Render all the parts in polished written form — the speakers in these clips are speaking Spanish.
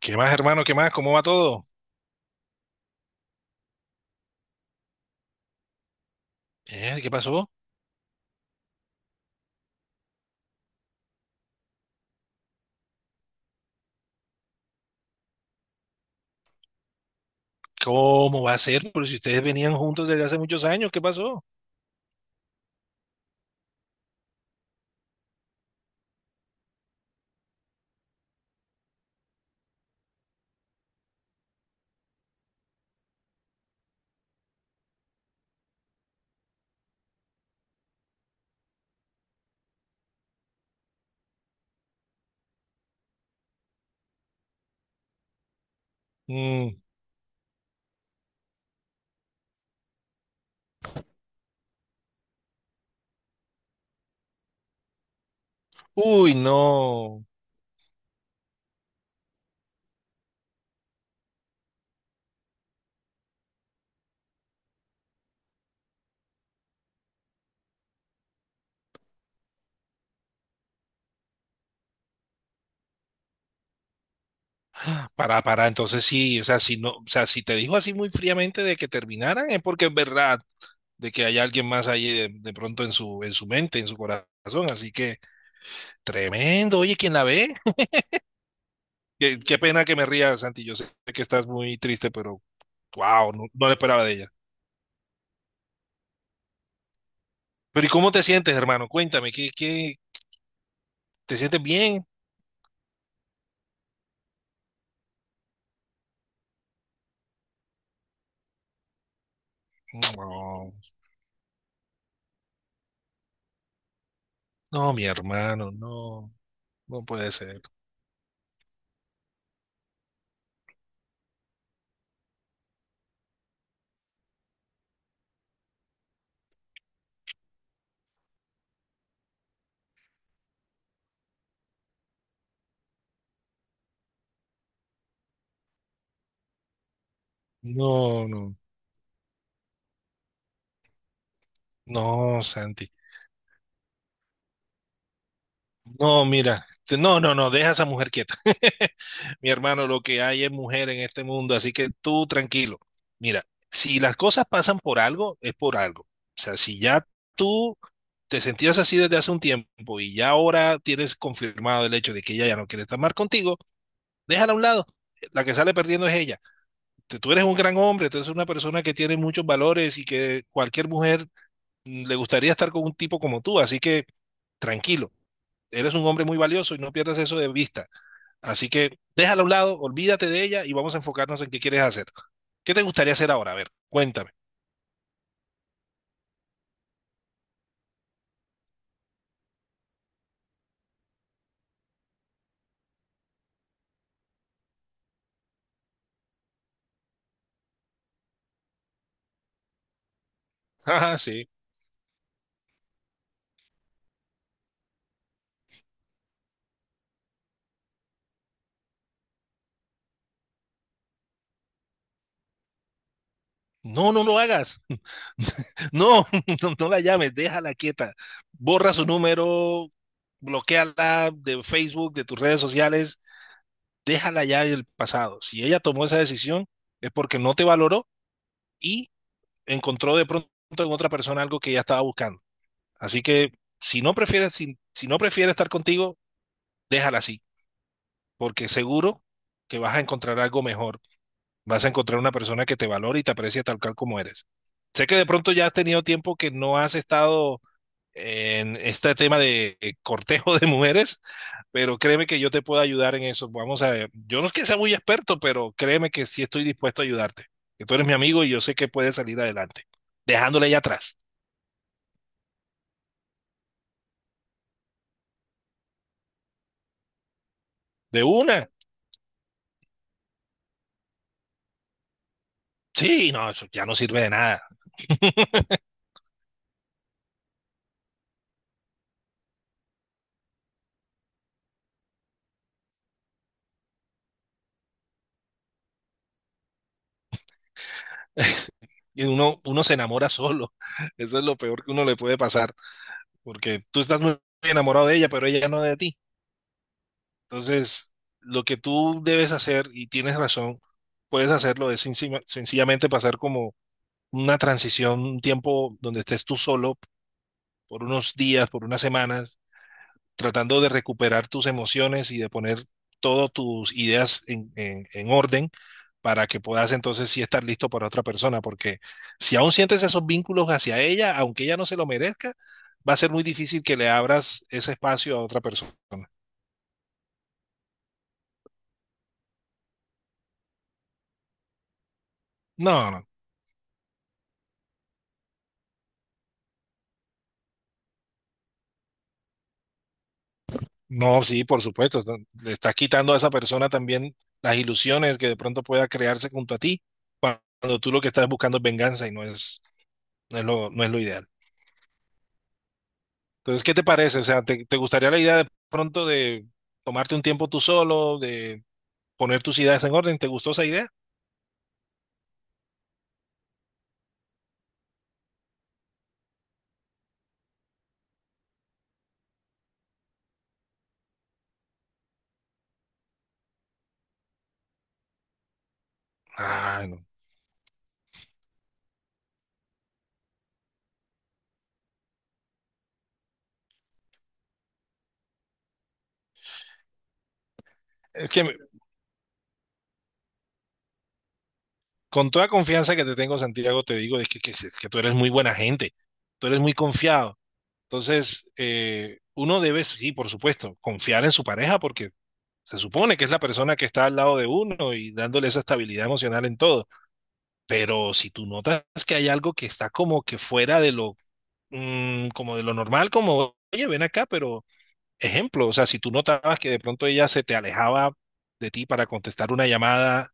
¿Qué más, hermano? ¿Qué más? ¿Cómo va todo? ¿Qué pasó? ¿Cómo va a ser? Pero si ustedes venían juntos desde hace muchos años, ¿qué pasó? Mm, Uy, no. Para, entonces sí, o sea, si no, o sea, si te dijo así muy fríamente de que terminaran, es porque es verdad de que hay alguien más ahí de pronto en su mente, en su corazón. Así que, tremendo. Oye, ¿quién la ve? Qué pena que me ría, Santi. Yo sé que estás muy triste, pero wow, no, no lo esperaba de ella. Pero ¿y cómo te sientes, hermano? Cuéntame, ¿te sientes bien? No, no, mi hermano, no, no puede ser. No, no, no, Santi. No, mira, no, deja a esa mujer quieta. Mi hermano, lo que hay es mujer en este mundo, así que tú tranquilo. Mira, si las cosas pasan por algo, es por algo. O sea, si ya tú te sentías así desde hace un tiempo y ya ahora tienes confirmado el hecho de que ella ya no quiere estar más contigo, déjala a un lado. La que sale perdiendo es ella. Tú eres un gran hombre, tú eres una persona que tiene muchos valores y que cualquier mujer le gustaría estar con un tipo como tú, así que tranquilo, eres un hombre muy valioso y no pierdas eso de vista. Así que déjala a un lado, olvídate de ella y vamos a enfocarnos en qué quieres hacer. ¿Qué te gustaría hacer ahora? A ver, cuéntame. Ah, sí. No, no lo hagas. No, no, no la llames, déjala quieta. Borra su número, bloqueala de Facebook, de tus redes sociales, déjala ya del pasado. Si ella tomó esa decisión, es porque no te valoró y encontró de pronto en otra persona algo que ella estaba buscando. Así que si no prefieres, si no prefiere estar contigo, déjala así, porque seguro que vas a encontrar algo mejor. Vas a encontrar una persona que te valore y te aprecie tal cual como eres. Sé que de pronto ya has tenido tiempo que no has estado en este tema de cortejo de mujeres, pero créeme que yo te puedo ayudar en eso. Vamos a ver, yo no es que sea muy experto, pero créeme que sí estoy dispuesto a ayudarte. Que tú eres mi amigo y yo sé que puedes salir adelante, dejándole ya atrás. De una, sí, no, eso ya no sirve de nada. Y uno se enamora solo. Eso es lo peor que uno le puede pasar, porque tú estás muy enamorado de ella, pero ella no de ti. Entonces, lo que tú debes hacer, y tienes razón, puedes hacerlo, es sencillamente pasar como una transición, un tiempo donde estés tú solo por unos días, por unas semanas, tratando de recuperar tus emociones y de poner todas tus ideas en orden para que puedas entonces sí estar listo para otra persona, porque si aún sientes esos vínculos hacia ella, aunque ella no se lo merezca, va a ser muy difícil que le abras ese espacio a otra persona. No, no, no, sí, por supuesto, no, le estás quitando a esa persona también las ilusiones que de pronto pueda crearse junto a ti, cuando tú lo que estás buscando es venganza y no es lo ideal. Entonces, ¿qué te parece? O sea, ¿te gustaría la idea de pronto de tomarte un tiempo tú solo, de poner tus ideas en orden? ¿Te gustó esa idea? Ay, no. Es que me- con toda confianza que te tengo, Santiago, te digo es que, se- que tú eres muy buena gente, tú eres muy confiado. Entonces, uno debe, sí, por supuesto, confiar en su pareja porque se supone que es la persona que está al lado de uno y dándole esa estabilidad emocional en todo. Pero si tú notas que hay algo que está como que fuera de lo como de lo normal, como, oye, ven acá, pero ejemplo, o sea, si tú notabas que de pronto ella se te alejaba de ti para contestar una llamada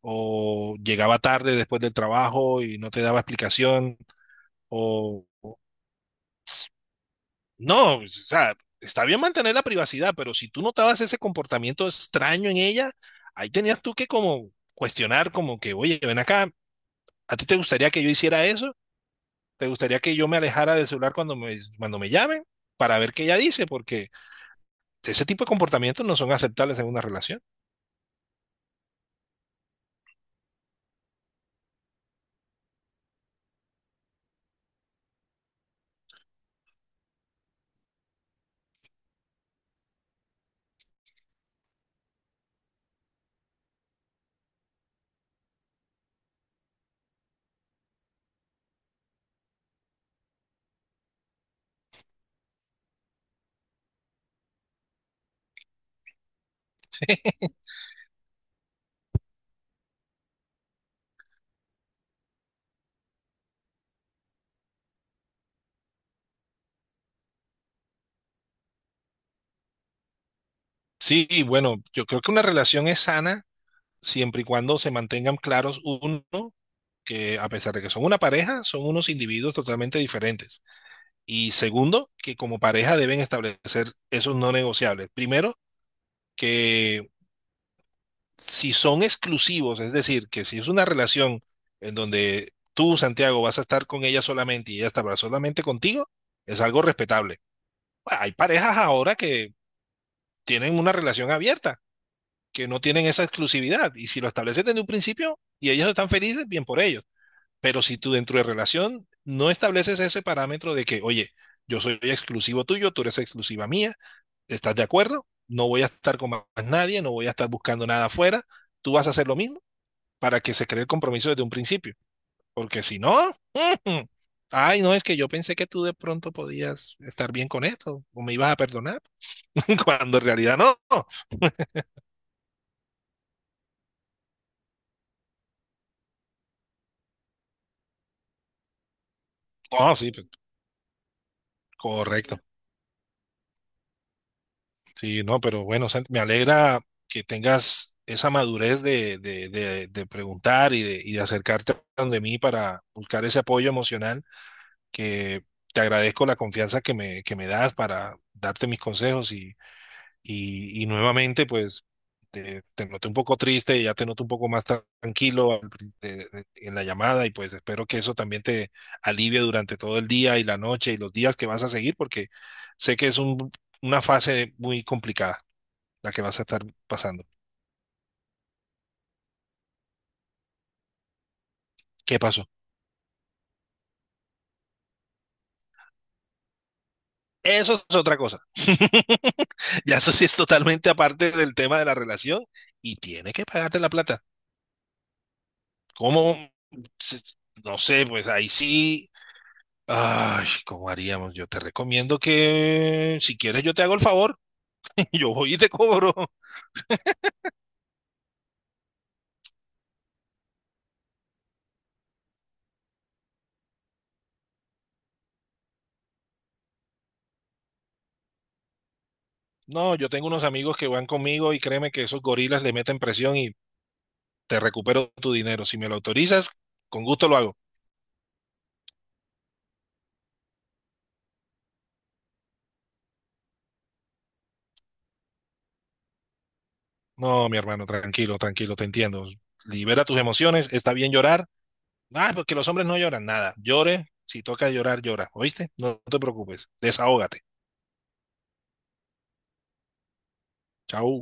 o llegaba tarde después del trabajo y no te daba explicación o no, o sea, está bien mantener la privacidad, pero si tú notabas ese comportamiento extraño en ella, ahí tenías tú que como cuestionar como que, oye, ven acá, ¿a ti te gustaría que yo hiciera eso? ¿Te gustaría que yo me alejara del celular cuando me llamen? Para ver qué ella dice, porque ese tipo de comportamientos no son aceptables en una relación. Sí, y bueno, yo creo que una relación es sana siempre y cuando se mantengan claros uno, que a pesar de que son una pareja, son unos individuos totalmente diferentes. Y segundo, que como pareja deben establecer esos no negociables. Primero, que si son exclusivos, es decir, que si es una relación en donde tú, Santiago, vas a estar con ella solamente y ella estará solamente contigo, es algo respetable. Bueno, hay parejas ahora que tienen una relación abierta, que no tienen esa exclusividad. Y si lo estableces desde un principio y ellos están felices, bien por ellos. Pero si tú dentro de relación no estableces ese parámetro de que, oye, yo soy exclusivo tuyo, tú eres exclusiva mía, ¿estás de acuerdo? No voy a estar con más nadie, no voy a estar buscando nada afuera, tú vas a hacer lo mismo para que se cree el compromiso desde un principio. Porque si no, ay, no, es que yo pensé que tú de pronto podías estar bien con esto o me ibas a perdonar. Cuando en realidad no. No, sí, pues, correcto. Sí, no, pero bueno, Santi, me alegra que tengas esa madurez de preguntar y de acercarte a donde mí para buscar ese apoyo emocional que te agradezco la confianza que me das para darte mis consejos. Y, y y nuevamente, pues, te noté un poco triste, ya te noto un poco más tranquilo al pri- de- en la llamada y pues espero que eso también te alivie durante todo el día y la noche y los días que vas a seguir, porque sé que es una fase muy complicada la que vas a estar pasando. ¿Qué pasó? Eso es otra cosa. Ya eso sí es totalmente aparte del tema de la relación y tiene que pagarte la plata. ¿Cómo? Se- No sé, pues ahí sí ay, ¿cómo haríamos? Yo te recomiendo que si quieres yo te hago el favor y yo voy y te cobro. No, yo tengo unos amigos que van conmigo y créeme que esos gorilas le meten presión y te recupero tu dinero. Si me lo autorizas, con gusto lo hago. No, mi hermano, tranquilo, tranquilo, te entiendo. Libera tus emociones, está bien llorar. Ah, porque los hombres no lloran nada. Llore, si toca llorar, llora. ¿Oíste? No te preocupes, desahógate. Chau.